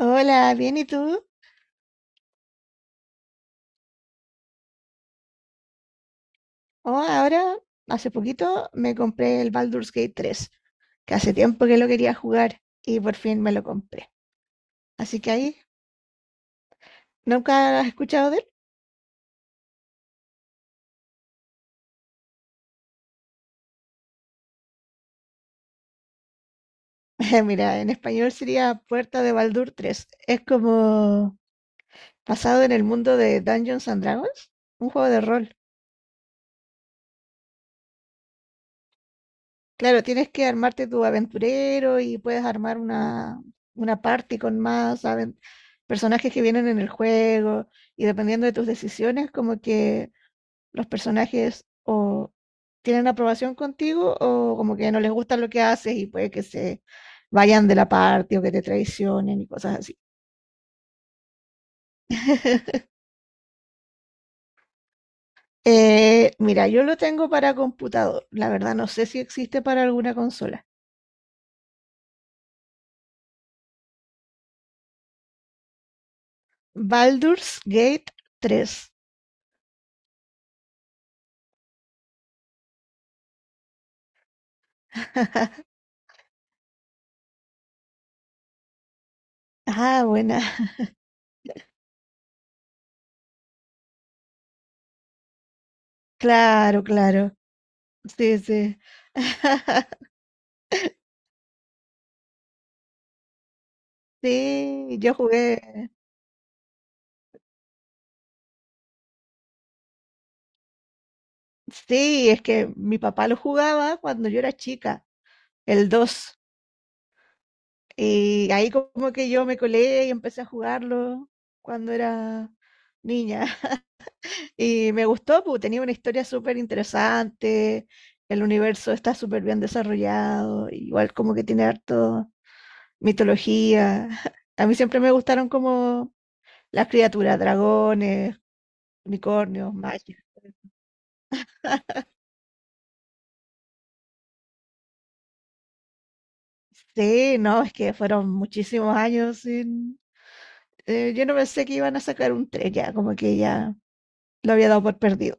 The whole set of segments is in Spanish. Hola, bien, ¿y tú? Oh, ahora, hace poquito me compré el Baldur's Gate 3, que hace tiempo que lo quería jugar y por fin me lo compré. Así que ahí, ¿nunca has escuchado de él? Mira, en español sería Puerta de Baldur 3. Es como basado en el mundo de Dungeons and Dragons, un juego de rol. Claro, tienes que armarte tu aventurero y puedes armar una party con más personajes que vienen en el juego y dependiendo de tus decisiones, como que los personajes o tienen aprobación contigo o como que no les gusta lo que haces y puede que se vayan de la parte o que te traicionen y cosas así. Mira, yo lo tengo para computador. La verdad no sé si existe para alguna consola. Baldur's Gate 3. Ah, buena. Claro, claro. Sí, sí. Sí, yo jugué. Sí, es que mi papá lo jugaba cuando yo era chica, el dos. Y ahí como que yo me colé y empecé a jugarlo cuando era niña. Y me gustó, porque tenía una historia súper interesante, el universo está súper bien desarrollado, igual como que tiene harto mitología. A mí siempre me gustaron como las criaturas, dragones, unicornios, magias. Sí, no, es que fueron muchísimos años sin. Yo no pensé que iban a sacar un 3 ya, como que ya lo había dado por perdido.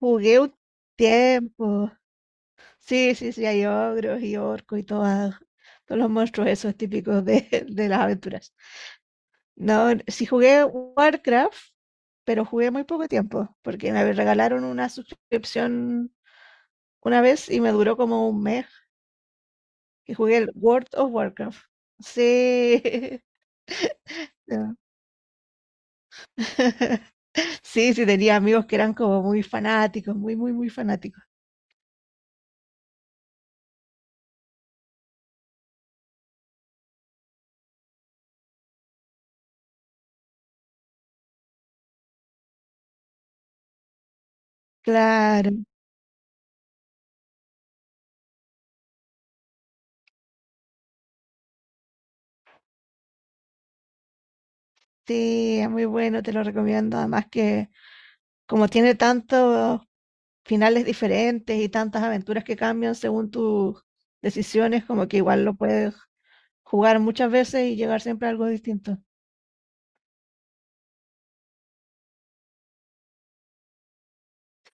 Jugué un tiempo. Sí, sí, sí, hay ogros y orcos y todos los monstruos esos típicos de las aventuras. No, sí jugué Warcraft, pero jugué muy poco tiempo, porque me regalaron una suscripción una vez y me duró como un mes, que jugué el World of Warcraft. Sí. Ya. Sí, sí, tenía amigos que eran como muy fanáticos, muy, muy, muy fanáticos. Claro, sí, es muy bueno, te lo recomiendo. Además que como tiene tantos finales diferentes y tantas aventuras que cambian según tus decisiones, como que igual lo puedes jugar muchas veces y llegar siempre a algo distinto.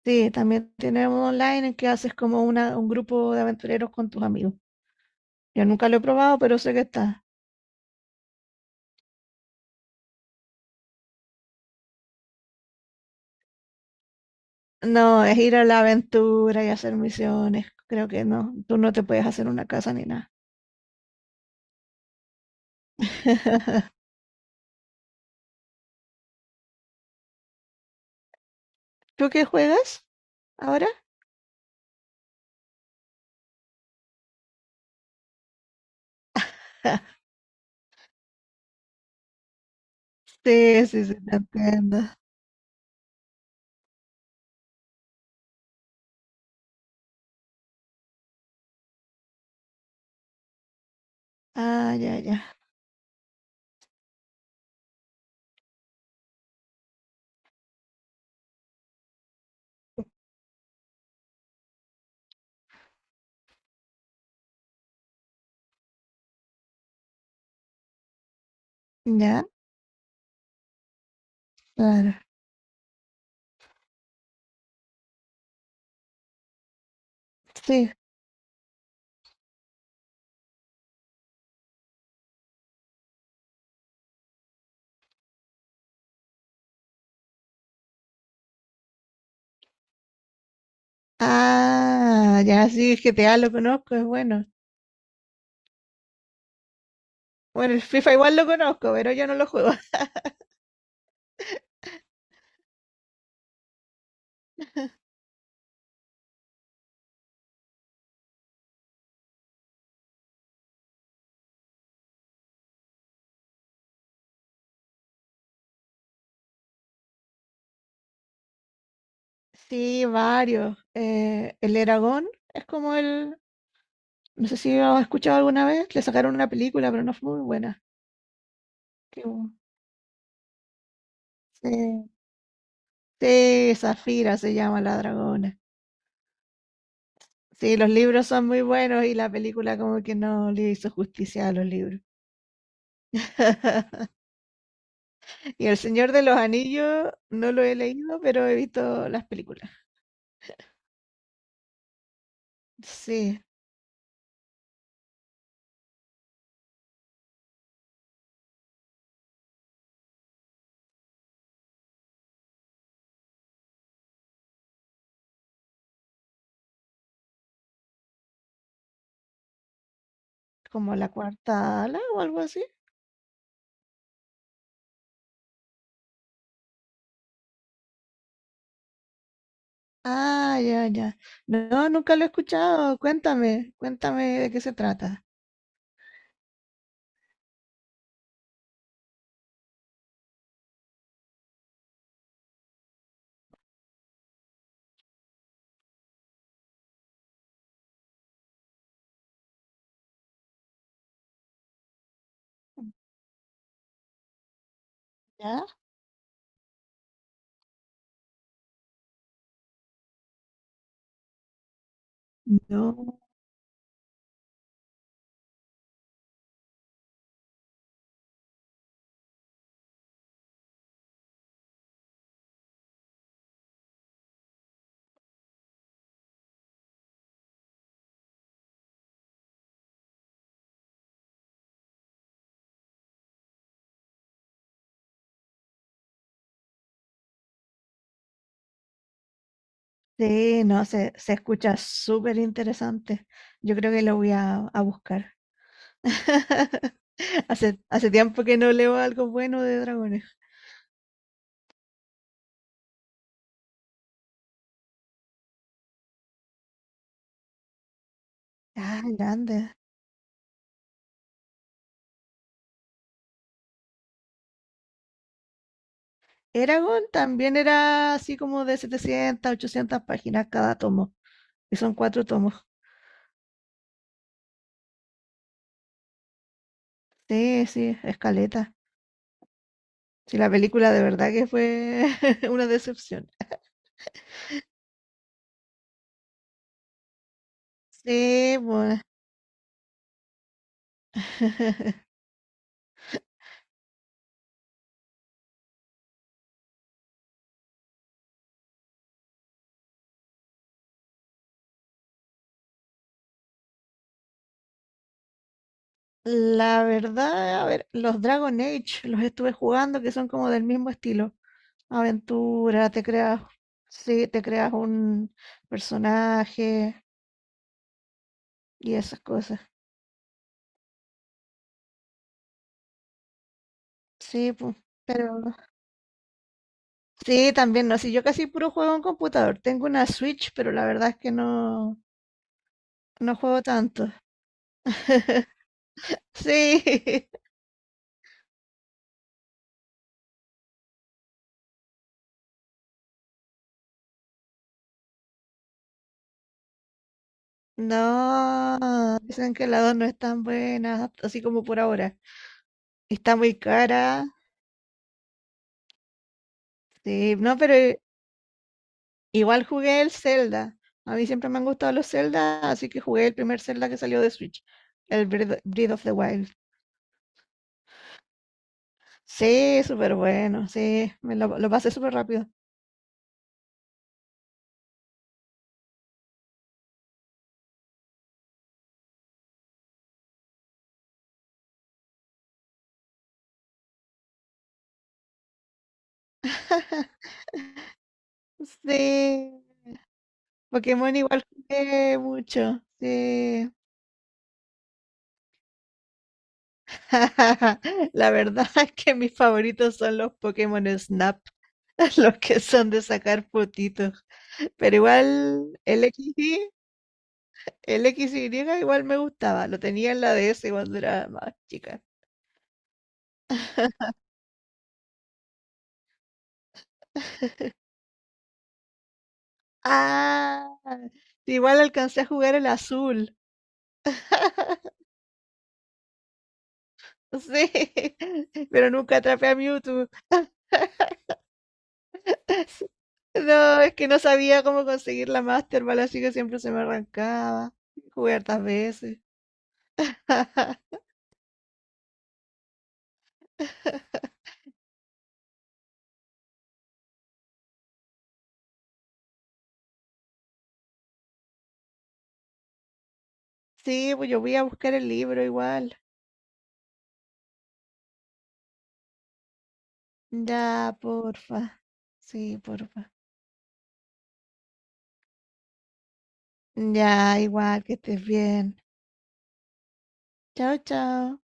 Sí, también tenemos online en que haces como un grupo de aventureros con tus amigos. Yo nunca lo he probado, pero sé que está. No, es ir a la aventura y hacer misiones. Creo que no. Tú no te puedes hacer una casa ni nada. ¿Tú qué juegas ahora? Sí, sí, sí, te entiendo. Ah, ya, ya. Ya, claro. Sí, ah, ya sí, el GTA lo conozco, es bueno. Bueno, el FIFA igual lo conozco, pero yo no lo juego. Sí, varios. El Eragon es como el. No sé si lo has escuchado alguna vez. Le sacaron una película, pero no fue muy buena. Qué bu- Sí, sí, Zafira se llama la dragona. Sí, los libros son muy buenos y la película como que no le hizo justicia a los libros. Y El Señor de los Anillos no lo he leído, pero he visto las películas. Sí, como la cuarta ala o algo así. Ah, ya, ya. No, nunca lo he escuchado. Cuéntame, cuéntame de qué se trata. ¿Ya? No, sí, no, se escucha súper interesante. Yo creo que lo voy a buscar. Hace tiempo que no leo algo bueno de dragones. Ah, grande. Eragon también era así como de 700, 800 páginas cada tomo. Y son cuatro tomos. Sí, sí, escaleta. Sí, la película de verdad que fue una decepción. Sí, pues, la verdad, a ver, los Dragon Age los estuve jugando que son como del mismo estilo. Aventura, te creas, sí, te creas un personaje y esas cosas. Sí, pues, pero sí, también no, sí, yo casi puro juego en computador. Tengo una Switch, pero la verdad es que no juego tanto. Sí, no, dicen que la 2 no es tan buena, así como por ahora. Está muy cara, sí, no, pero igual jugué el Zelda. A mí siempre me han gustado los Zelda, así que jugué el primer Zelda que salió de Switch, el Breath of the Wild. Sí, súper bueno, sí, me lo pasé súper rápido. Sí, Pokémon igual jugué mucho, sí. La verdad es que mis favoritos son los Pokémon Snap, los que son de sacar fotitos. Pero igual el X y el X XY igual me gustaba, lo tenía en la DS cuando era más chica. Ah, igual alcancé a jugar el azul. Sí, pero nunca atrapé a Mewtwo. No, es que no sabía cómo conseguir la Master Ball, así que siempre se me arrancaba. Jugué hartas veces. Sí, pues yo voy a buscar el libro igual. Ya, porfa. Sí, porfa. Ya, igual, que estés bien. Chao, chao.